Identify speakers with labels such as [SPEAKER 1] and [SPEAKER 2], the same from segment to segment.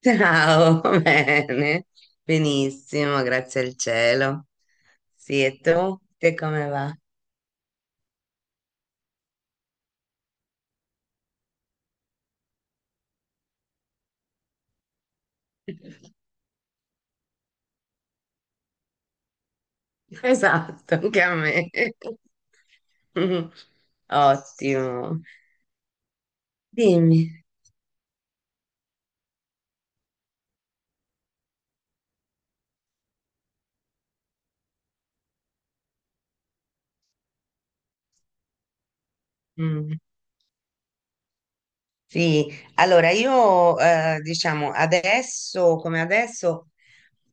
[SPEAKER 1] Ciao, bene, benissimo, grazie al cielo. Sì, e tu? Te come va? Esatto, anche a me. Ottimo. Dimmi. Mm. Sì, allora io diciamo adesso come adesso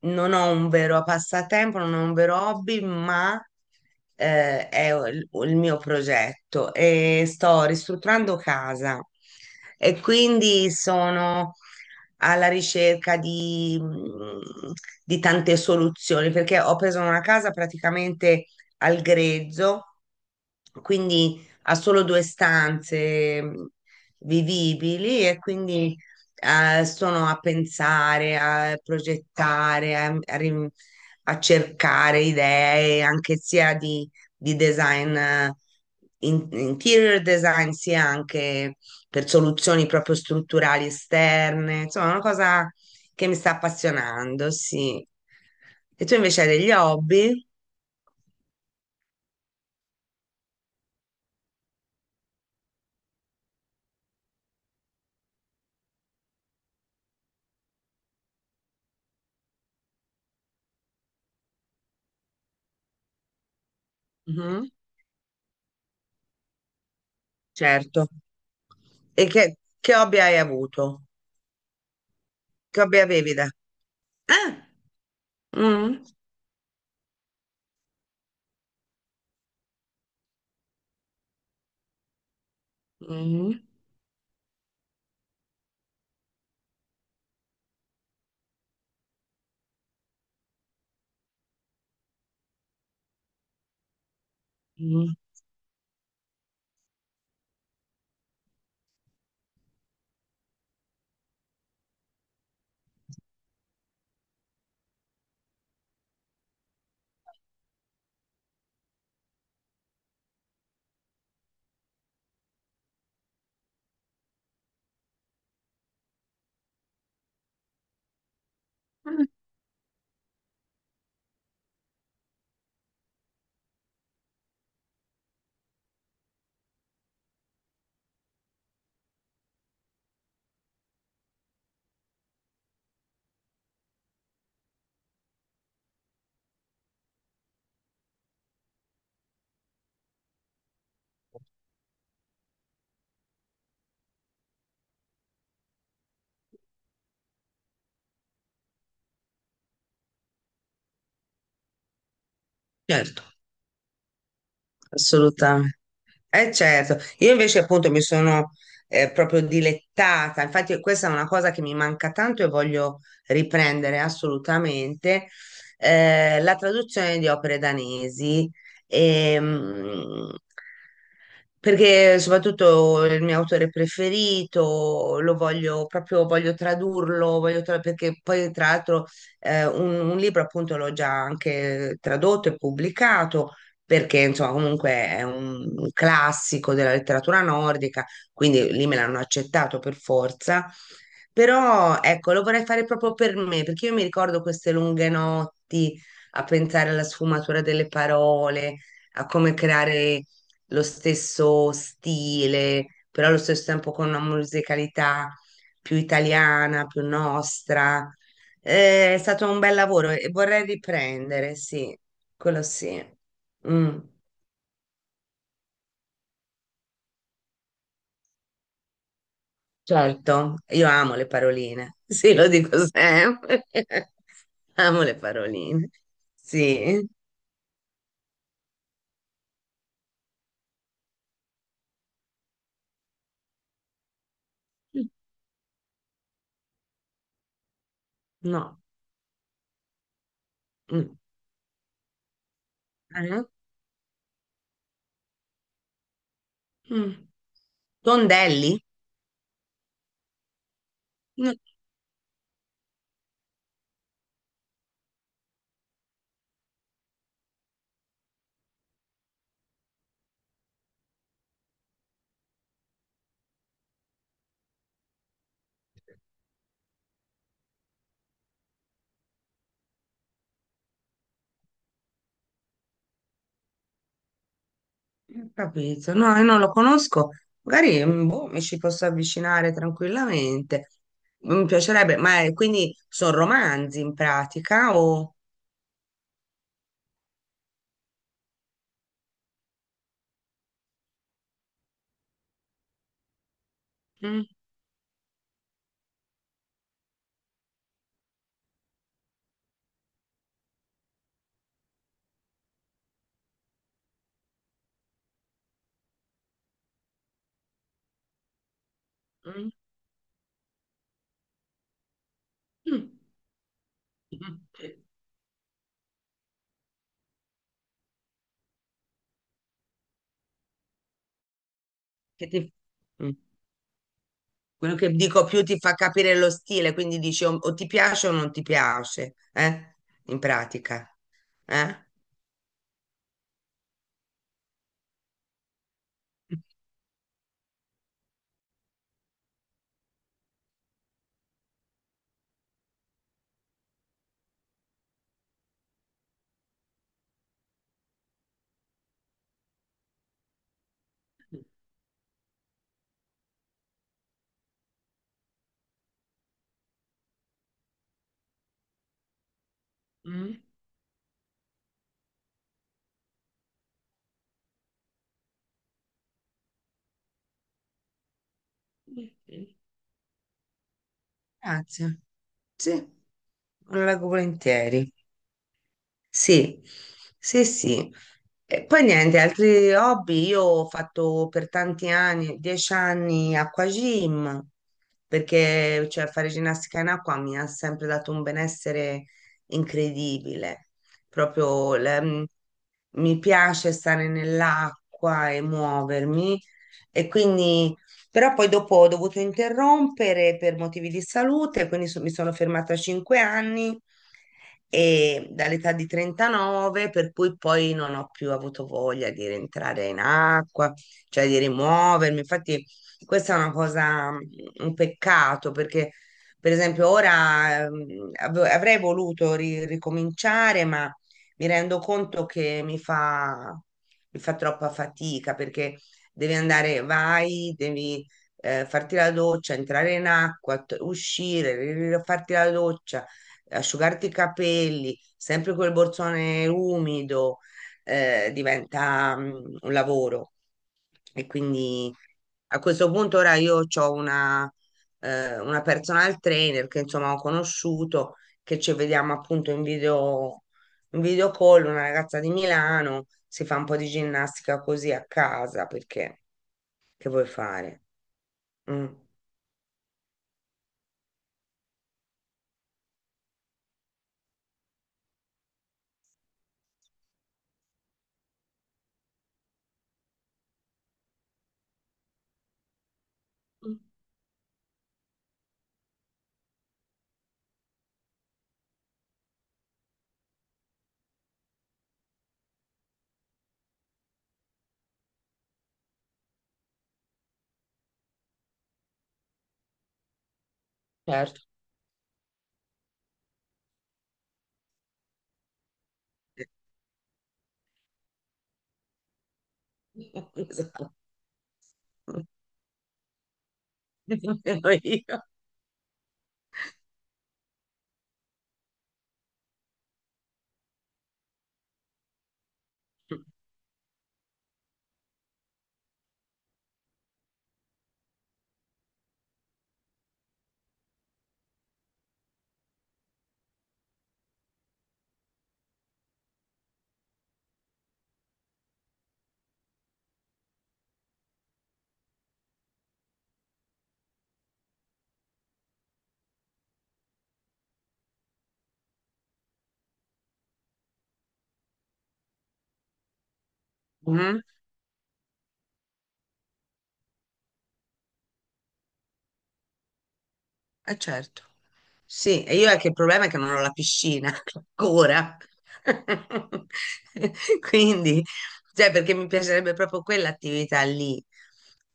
[SPEAKER 1] non ho un vero passatempo, non ho un vero hobby, ma è il mio progetto e sto ristrutturando casa e quindi sono alla ricerca di, di tante soluzioni perché ho preso una casa praticamente al grezzo, quindi ha solo due stanze vivibili e quindi sono a pensare, a progettare, a cercare idee anche sia di design, interior design, sia anche per soluzioni proprio strutturali esterne. Insomma, è una cosa che mi sta appassionando, sì. E tu invece hai degli hobby? Mhm, certo. E che hobby hai avuto? Che hobby avevi da... Ah! Mm, mm, mm. Certo, assolutamente. Eh certo, io invece appunto mi sono proprio dilettata, infatti questa è una cosa che mi manca tanto e voglio riprendere assolutamente, la traduzione di opere danesi, ehm, perché soprattutto il mio autore preferito, lo voglio proprio, voglio tradurlo, perché poi tra l'altro un libro appunto l'ho già anche tradotto e pubblicato perché insomma comunque è un classico della letteratura nordica, quindi lì me l'hanno accettato per forza. Però ecco, lo vorrei fare proprio per me, perché io mi ricordo queste lunghe notti a pensare alla sfumatura delle parole, a come creare lo stesso stile, però allo stesso tempo con una musicalità più italiana, più nostra. È stato un bel lavoro e vorrei riprendere, sì, quello sì. Mm, certo, io amo le paroline, sì, lo dico sempre. Amo le paroline, sì. No. Mm. Eh? Mm. Tondelli? No, non ho capito, no, io non lo conosco. Magari boh, mi ci posso avvicinare tranquillamente. Mi piacerebbe, ma quindi sono romanzi in pratica o... Mm, mm, mm. Mhm. Che ti- mm. Quello che dico più ti fa capire lo stile, quindi dici o ti piace o non ti piace, eh? In pratica, eh? Mm. Grazie. Sì, lo leggo volentieri. Sì, sì, sì. E poi niente, altri hobby. Io ho fatto per tanti anni, 10 anni, acquagym, perché cioè, fare ginnastica in acqua mi ha sempre dato un benessere incredibile. Proprio la- m, mi piace stare nell'acqua e muovermi. E quindi, però poi dopo ho dovuto interrompere per motivi di salute, mi sono fermata a 5 anni e dall'età di 39, per cui poi non ho più avuto voglia di rientrare in acqua, cioè di rimuovermi. Infatti, questa è una cosa, un peccato, perché per esempio ora avrei voluto ricominciare, ma mi rendo conto che mi fa troppa fatica perché devi andare, vai, devi farti la doccia, entrare in acqua, uscire, farti la doccia asciugarti i capelli, sempre quel borsone umido, diventa un lavoro. E quindi a questo punto ora io ho una personal trainer che insomma ho conosciuto, che ci vediamo appunto in video call, una ragazza di Milano, si fa un po' di ginnastica così a casa, perché che vuoi fare? Mm. Certo. Esatto. Io. Mm. Eh certo. Sì, e io è che il problema è che non ho la piscina ancora. Quindi, cioè, perché mi piacerebbe proprio quell'attività lì.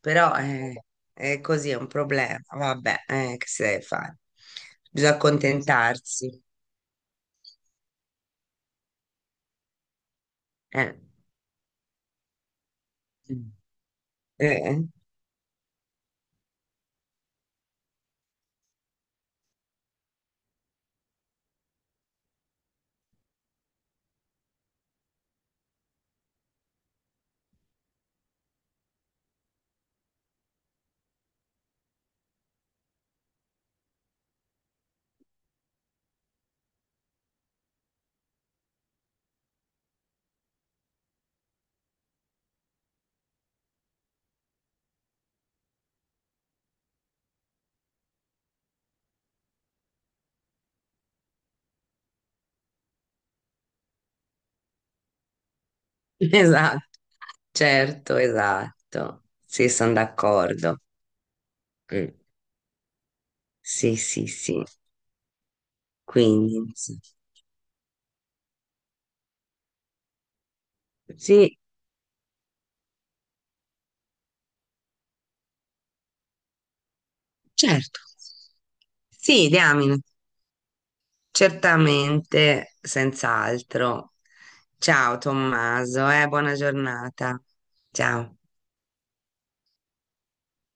[SPEAKER 1] Però è così, è un problema. Vabbè, che si deve fare? Bisogna accontentarsi. Eh. Eh, Esatto, certo, esatto. Sì, sono d'accordo. Mm. Sì, sì, sì. Quindi, sì. Sì. Certo, sì, diamine, certamente, senz'altro. Ciao Tommaso, buona giornata. Ciao.